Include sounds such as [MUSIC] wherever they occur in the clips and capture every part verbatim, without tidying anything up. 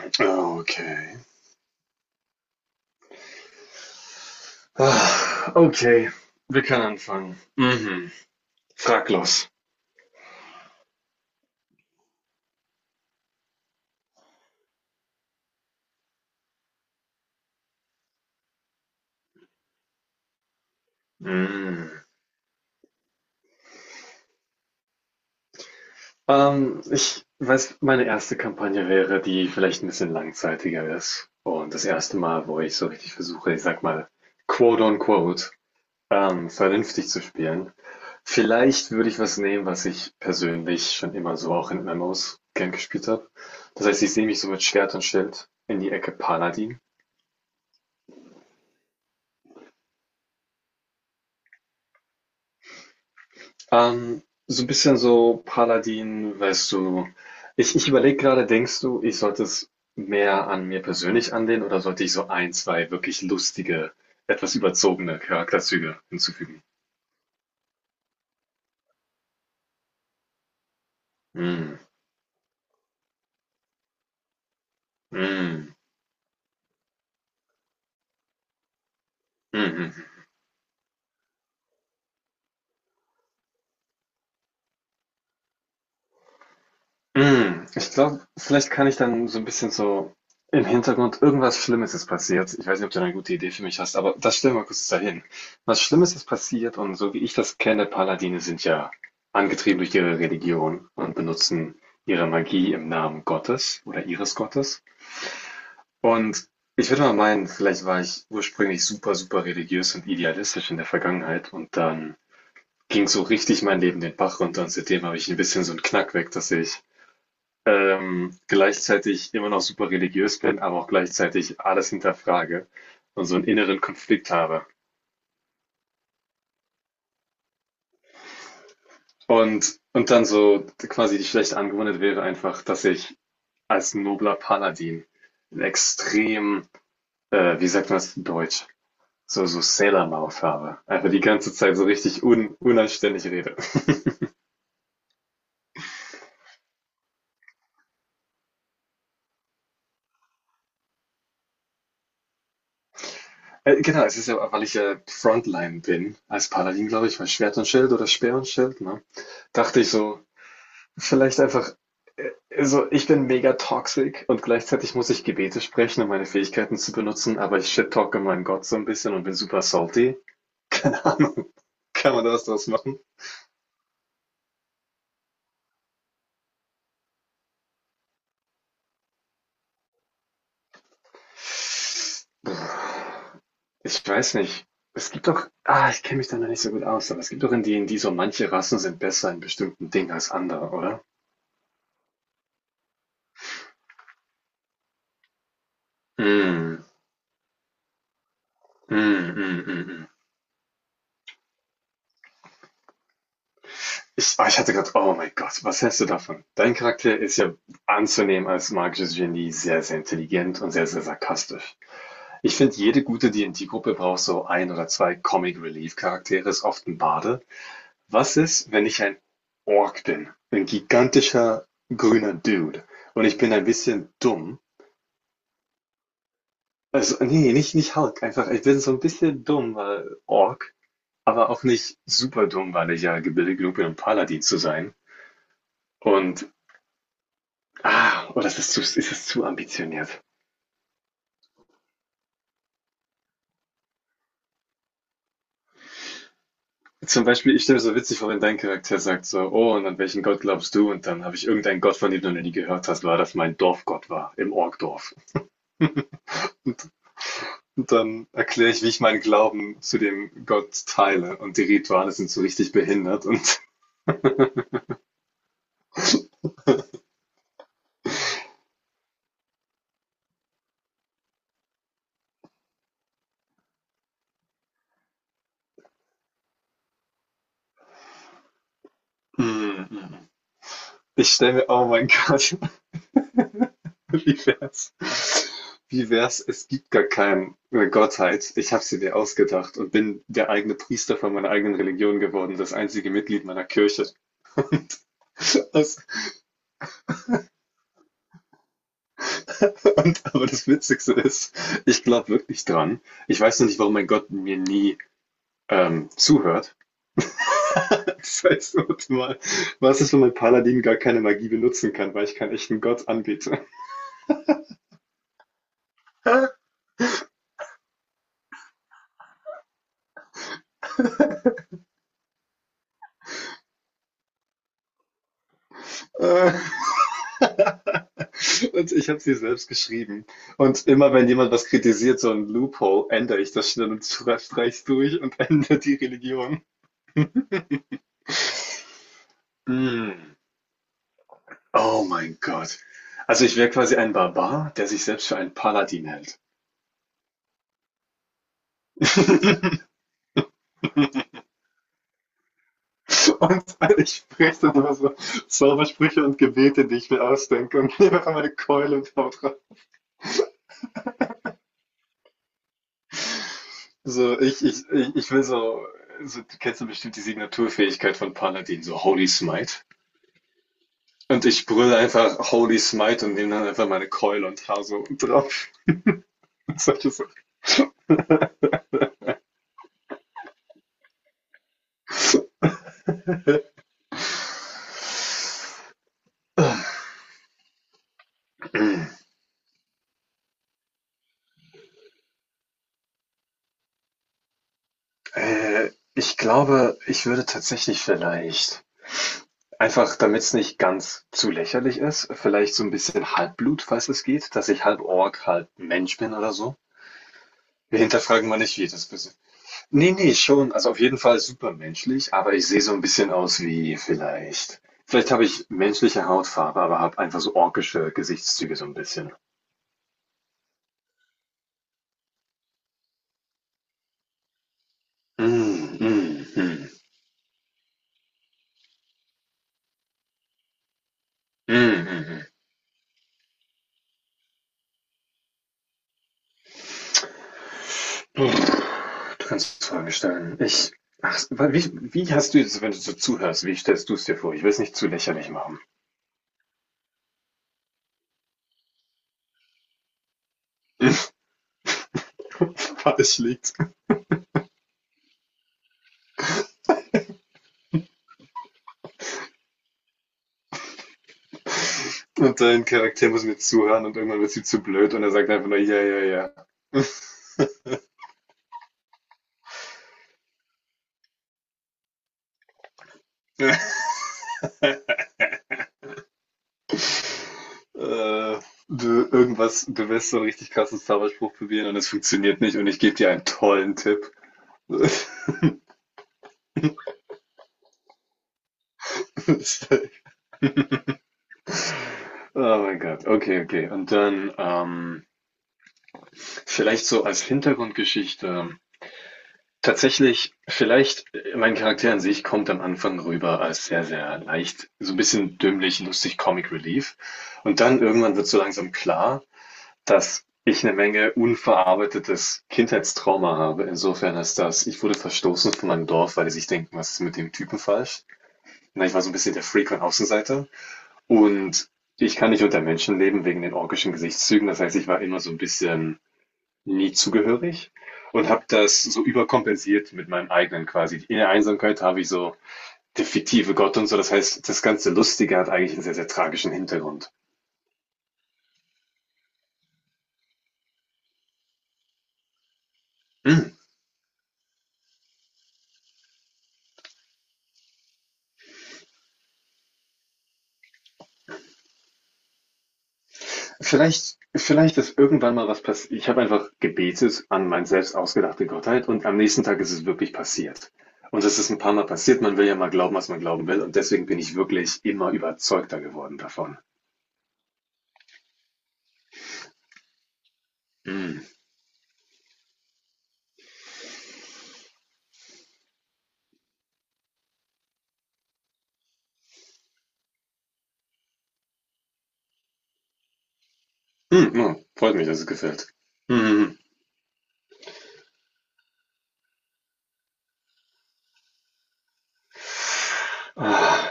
Okay. Ah, Okay, wir können anfangen. Mhm. Frag los. Mhm. Ähm, ich weiß, meine erste Kampagne wäre, die vielleicht ein bisschen langzeitiger ist. Und das erste Mal, wo ich so richtig versuche, ich sag mal, quote on quote, ähm, vernünftig zu spielen. Vielleicht würde ich was nehmen, was ich persönlich schon immer so auch in M M Os gern gespielt habe. Das heißt, ich sehe mich so mit Schwert und Schild in die Ecke Paladin. Ähm, so ein bisschen so Paladin, weißt du. Ich ich überlege gerade, denkst du, ich sollte es mehr an mir persönlich anlehnen, oder sollte ich so ein zwei wirklich lustige, etwas überzogene Charakterzüge hinzufügen? Mhm. Mhm. Mhm. Hm, ich glaube, vielleicht kann ich dann so ein bisschen so im Hintergrund irgendwas Schlimmes ist passiert. Ich weiß nicht, ob du da 'ne gute Idee für mich hast, aber das stellen wir mal kurz dahin. Was Schlimmes ist passiert, und so wie ich das kenne, Paladine sind ja angetrieben durch ihre Religion und benutzen ihre Magie im Namen Gottes oder ihres Gottes. Und ich würde mal meinen, vielleicht war ich ursprünglich super, super religiös und idealistisch in der Vergangenheit, und dann ging so richtig mein Leben den Bach runter, und seitdem habe ich ein bisschen so 'n Knack weg, dass ich ähm, gleichzeitig immer noch super religiös bin, aber auch gleichzeitig alles hinterfrage und so einen inneren Konflikt habe. Und, und dann so quasi die schlechte Angewohnheit wäre einfach, dass ich als nobler Paladin ein extrem, äh, wie sagt man das in Deutsch, so, so Sailor Mouth habe. Einfach die ganze Zeit so richtig un, unanständig rede. Äh, genau, es ist ja, weil ich äh, Frontline bin, als Paladin, glaube ich, weil Schwert und Schild oder Speer und Schild, ne? Dachte ich so, vielleicht einfach, äh, also ich bin mega toxic und gleichzeitig muss ich Gebete sprechen, um meine Fähigkeiten zu benutzen, aber ich shit-talke meinen Gott so ein bisschen und bin super salty. [LAUGHS] Keine Ahnung, kann man da was draus machen? Ich weiß nicht. Es gibt doch, ah, ich kenne mich da noch nicht so gut aus, aber es gibt doch in D und D so manche Rassen sind besser in bestimmten Dingen als andere, oder? Mm, mm, mm, mm, mm. Ich, ah, ich hatte gerade, oh mein Gott, was hältst du davon? Dein Charakter ist ja anzunehmen als magisches Genie sehr, sehr intelligent und sehr, sehr sarkastisch. Ich finde, jede gute d D&D-Gruppe braucht so ein oder zwei Comic-Relief-Charaktere, ist oft ein Bade. Was ist, wenn ich ein Ork bin? Ein gigantischer, grüner Dude. Und ich bin ein bisschen dumm. Also, nee, nicht, nicht Hulk, einfach, ich bin so ein bisschen dumm, weil Ork, aber auch nicht super dumm, weil ich ja gebildet genug bin, um Paladin zu sein. Und ah, oh, das ist zu, ist das zu ambitioniert? Zum Beispiel, ich stelle mir so witzig vor, wenn dein Charakter sagt so, oh, und an welchen Gott glaubst du? Und dann habe ich irgendeinen Gott, von dem du noch nie gehört hast, weil das mein Dorfgott war, im Orkdorf. Und, und dann erkläre ich, wie ich meinen Glauben zu dem Gott teile. Und die Rituale sind so richtig behindert. Und [LAUGHS] ich stelle mir, oh mein Gott, [LAUGHS] wie wär's? Wie wär's? Es gibt gar keine Gottheit. Ich habe sie mir ausgedacht und bin der eigene Priester von meiner eigenen Religion geworden, das einzige Mitglied meiner Kirche. [LAUGHS] Das, und, aber das Witzigste ist, ich glaube wirklich dran. Ich weiß noch nicht, warum mein Gott mir nie ähm, zuhört. [LAUGHS] Das heißt, warte mal, was ist, wenn mein Paladin gar keine Magie benutzen kann, weil ich keinen echten Gott anbiete? [LAUGHS] Äh, [LAUGHS] und ich habe sie selbst geschrieben. Und immer wenn jemand was kritisiert, so ein Loophole, ändere ich das schnell und streich durch und [LAUGHS] ändere die Religion. Mm. Oh mein Gott. Also ich wäre quasi ein Barbar, der sich selbst für einen Paladin hält. [LAUGHS] Und ich spreche dann immer so Zaubersprüche und Gebete, die ich mir ausdenke und [LAUGHS] nehme einfach meine Keule und hau drauf. So, ich, ich, ich, ich will so, so, du kennst ja bestimmt die Signaturfähigkeit von Paladin, so Holy Smite. Und ich brülle einfach Holy Smite und nehme dann einfach meine Keule und hau so drauf. [LAUGHS] Und solche so. Äh, ich glaube, ich würde tatsächlich vielleicht, einfach damit es nicht ganz zu lächerlich ist, vielleicht so ein bisschen Halbblut, falls es geht, dass ich halb Ork, halb Mensch bin oder so. Wir hinterfragen mal nicht jedes bisschen. Ne, ne, schon. Also auf jeden Fall super menschlich, aber ich sehe so ein bisschen aus wie vielleicht, vielleicht habe ich menschliche Hautfarbe, aber habe einfach so orkische Gesichtszüge so ein bisschen. Hm, mhm, mhm, mhm, mhm. Du kannst Fragen stellen. Ich ach, wa wie, wie hast du jetzt, wenn du so zuhörst, wie stellst du es dir vor? Ich will es nicht zu lächerlich machen. [LAUGHS] Falsch liegt. Und dein Charakter muss mir zuhören und irgendwann wird sie zu blöd und er sagt einfach nur: „Ja, ja, ja.“ [LAUGHS] äh, will irgendwas bewusst so einen richtig krassen Star Wars Spruch probieren und es funktioniert nicht und ich gebe dir einen tollen Tipp. [LAUGHS] Oh mein Gott, okay, okay. Und dann ähm, vielleicht so als Hintergrundgeschichte. Tatsächlich, vielleicht, äh, mein Charakter an sich kommt am Anfang rüber als sehr, sehr leicht, so ein bisschen dümmlich, lustig, Comic Relief. Und dann irgendwann wird so langsam klar, dass ich eine Menge unverarbeitetes Kindheitstrauma habe, insofern als das, ich wurde verstoßen von meinem Dorf, weil die sich denken: „Was ist mit dem Typen falsch?“ Ne, ich war so ein bisschen der Freak und Außenseiter, und ich kann nicht unter Menschen leben wegen den orkischen Gesichtszügen. Das heißt, ich war immer so ein bisschen nie zugehörig und habe das so überkompensiert mit meinem eigenen quasi. In der Einsamkeit habe ich so der fiktive Gott und so. Das heißt, das ganze Lustige hat eigentlich einen sehr, sehr tragischen Hintergrund. Mm. Vielleicht, vielleicht ist irgendwann mal was passiert. Ich habe einfach gebetet an meine selbst ausgedachte Gottheit und am nächsten Tag ist es wirklich passiert. Und es ist ein paar Mal passiert. Man will ja mal glauben, was man glauben will und deswegen bin ich wirklich immer überzeugter geworden davon. Mhm. Hm, ja, freut mich, dass es gefällt. Mhm.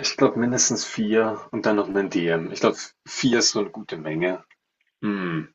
Ich glaube mindestens vier und dann noch 'nen D M. Ich glaube, vier ist so eine gute Menge. Mhm.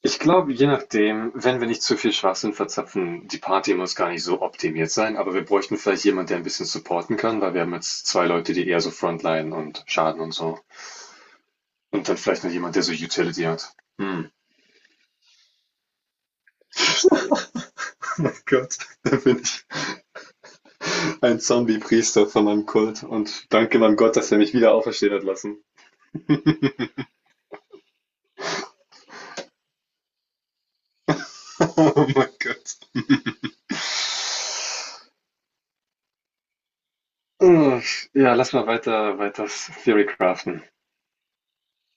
Ich glaube, je nachdem, wenn wir nicht zu viel Schwachsinn verzapfen, die Party muss gar nicht so optimiert sein, aber wir bräuchten vielleicht jemanden, der ein bisschen supporten kann, weil wir haben jetzt zwei Leute, die eher so Frontline und Schaden und so. Und dann vielleicht noch jemand, der so Utility hat. Hm. [LAUGHS] Oh mein Gott, da bin ich ein Zombie-Priester von meinem Kult und danke meinem Gott, dass er mich wieder auferstehen hat lassen. [LAUGHS] Oh mein Gott. Ugh. Ja, lass mal weiter, weiter Theory craften.